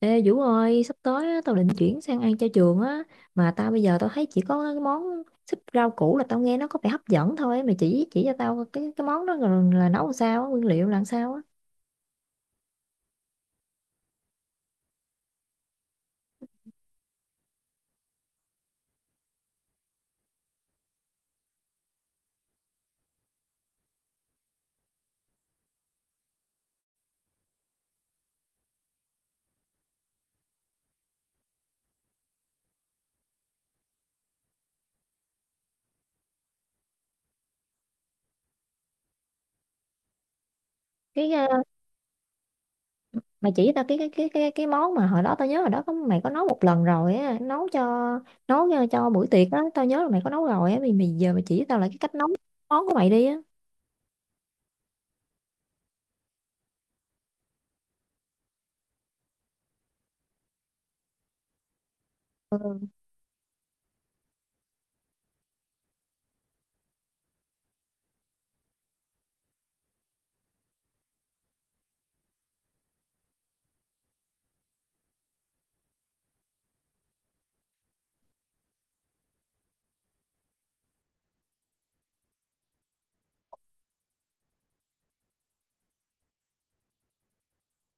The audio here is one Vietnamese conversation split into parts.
Ê Vũ ơi, sắp tới á, tao định chuyển sang ăn cho trường á, mà tao bây giờ thấy chỉ có cái món súp rau củ là tao nghe nó có vẻ hấp dẫn thôi. Mày chỉ cho tao cái món đó rồi là nấu làm sao á, nguyên liệu làm sao á. Cái ờ, Mày chỉ tao cái món mà hồi đó tao nhớ hồi đó có mày có nấu một lần rồi á, nấu cho, nấu cho buổi tiệc á, tao nhớ là mày có nấu rồi á, mày mày giờ mày chỉ tao lại cái cách nấu món của mày đi á.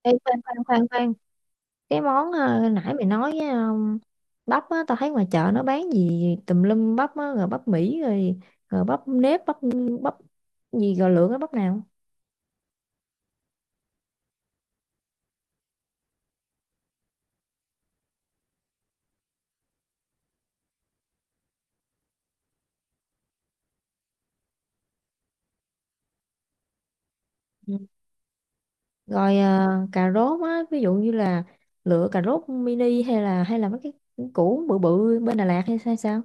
Ê khoan khoan khoan khoan, cái món nãy mày nói bắp á, tao thấy ngoài chợ nó bán gì tùm lum bắp á, rồi bắp Mỹ rồi, rồi bắp nếp, bắp bắp gì, rồi lựa cái bắp nào? Ừ, rồi cà rốt á, ví dụ như là lựa cà rốt mini hay là mấy cái củ bự bự bên Đà Lạt hay sao sao?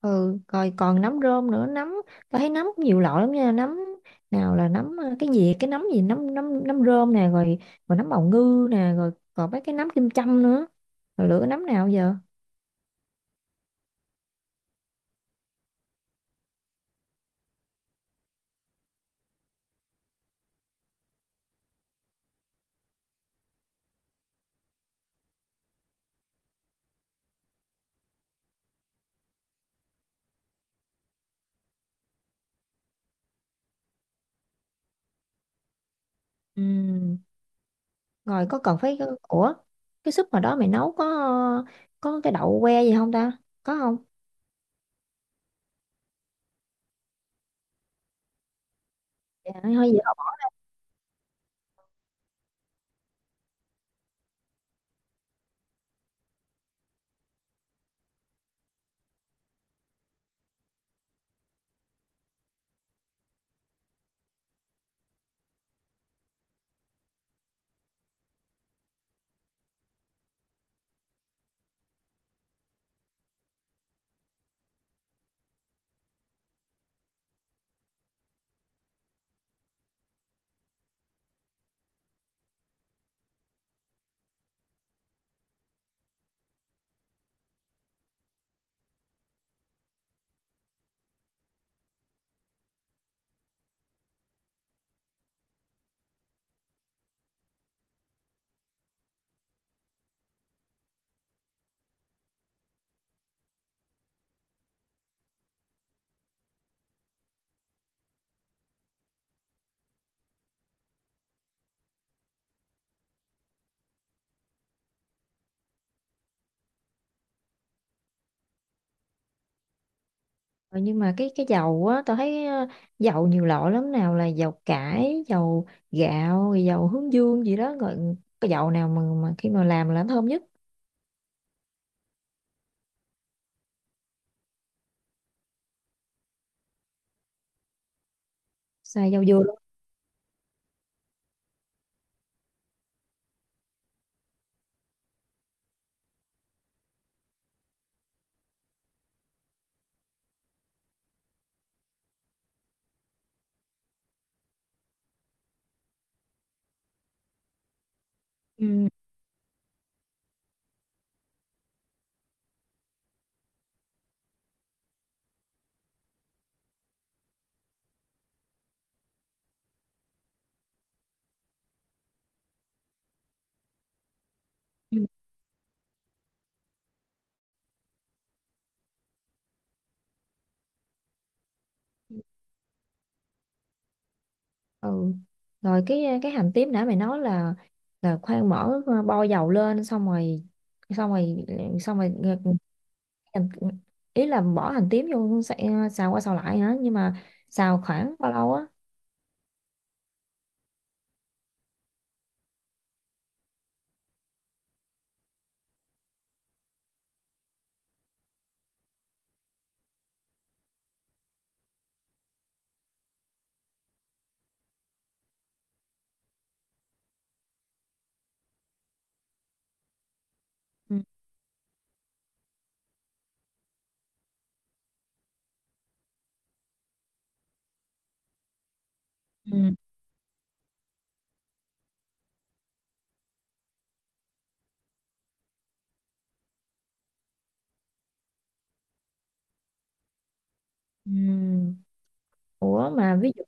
Ừ, rồi còn nấm rơm nữa, nấm tao thấy nấm cũng nhiều loại lắm nha. Nấm nào là nấm cái gì, cái nấm gì, nấm nấm nấm rơm nè, rồi rồi nấm bào ngư nè, rồi còn mấy cái nấm kim châm nữa, rồi lựa cái nấm nào giờ? Ừ, rồi có cần phải ủa, cái súp hồi đó mày nấu có cái đậu que gì không ta? Có không? Dạ nó hơi dở. Rồi nhưng mà cái dầu á, tao thấy dầu nhiều loại lắm, nào là dầu cải, dầu gạo, rồi dầu hướng dương gì đó. Rồi cái dầu nào mà khi mà làm là nó thơm nhất? Xài dầu dừa luôn. Ừ. Ừ. Ừ. Rồi cái hành tím nãy mày nói là khoan mở bo dầu lên, xong rồi xong rồi xong rồi hành, ý là bỏ hành tím vô xào qua xào lại hả? Nhưng mà xào khoảng bao lâu á? Ừ. Ừ. Ừ. Ủa mà ví dụ,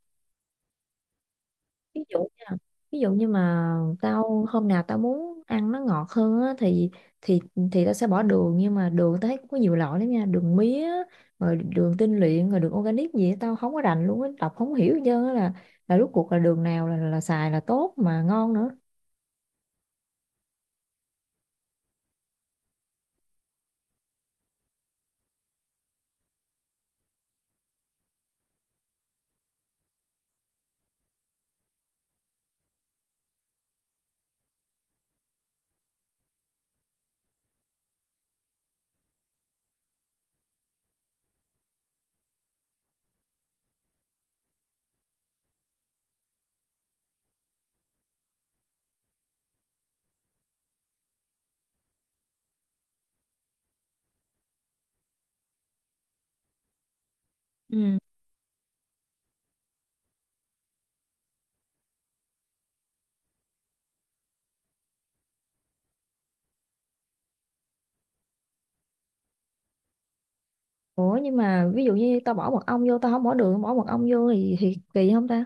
ví dụ nha, ví dụ như mà tao hôm nào tao muốn ăn nó ngọt hơn á, thì thì tao sẽ bỏ đường. Nhưng mà đường tao thấy cũng có nhiều loại lắm nha, đường mía, rồi đường tinh luyện, rồi đường organic gì á, tao không có rành luôn á, đọc không hiểu hết trơn á. Là rốt cuộc là đường nào là xài là tốt mà ngon nữa? Ủa nhưng mà ví dụ như tao bỏ mật ong vô, tao không bỏ đường, bỏ mật ong vô thì kỳ không ta?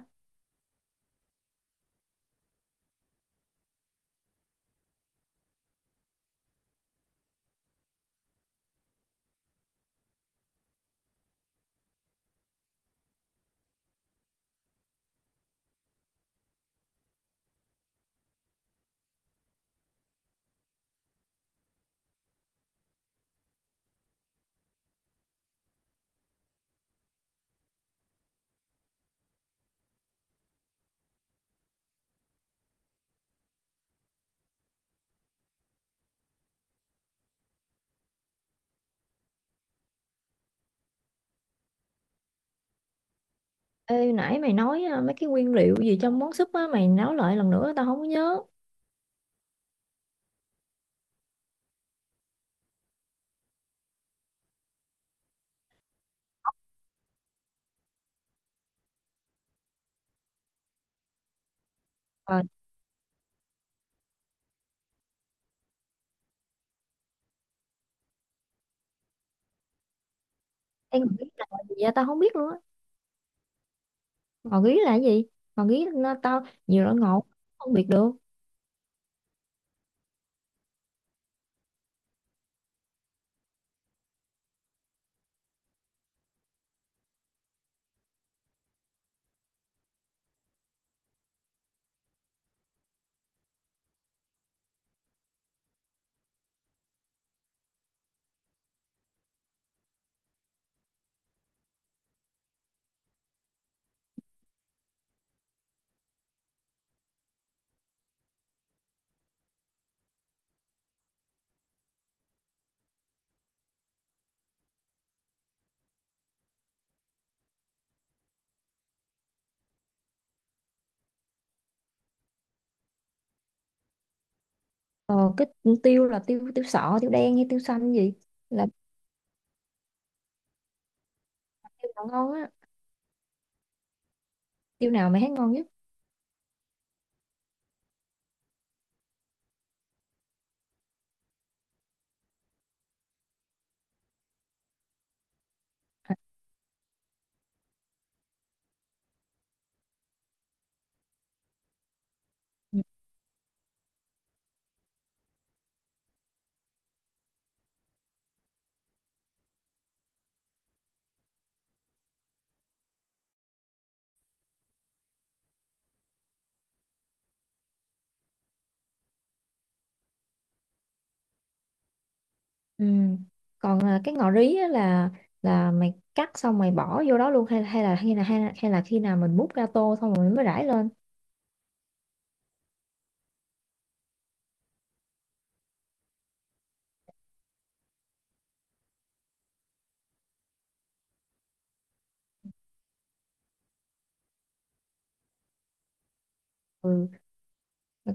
Ê nãy mày nói mấy cái nguyên liệu gì trong món súp á, mày nói lại lần nữa tao không có nhớ. Ờ em nghĩ là gì vậy tao không biết luôn á. Ngò gí là cái gì? Ngò gí nó tao nhiều loại ngọt không biết được. Ờ cái tiêu là tiêu, tiêu sọ, tiêu đen hay tiêu xanh gì là tiêu nào ngon á. Tiêu nào mày thấy ngon nhất? Ừ. Còn cái ngò rí á, là mày cắt xong mày bỏ vô đó luôn hay hay là khi nào mình múc ra tô xong rồi mình mới rải lên. Ừ.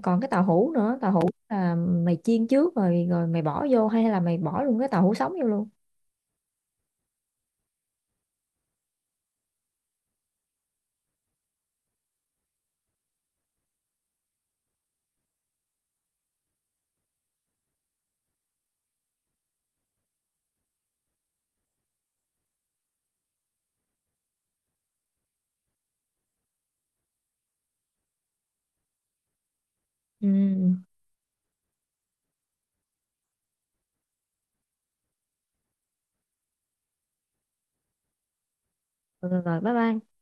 Còn cái tàu hũ nữa, tàu hũ là mày chiên trước rồi rồi mày bỏ vô, hay là mày bỏ luôn cái tàu hũ sống vô luôn. Ừ. Rồi, rồi bye bye.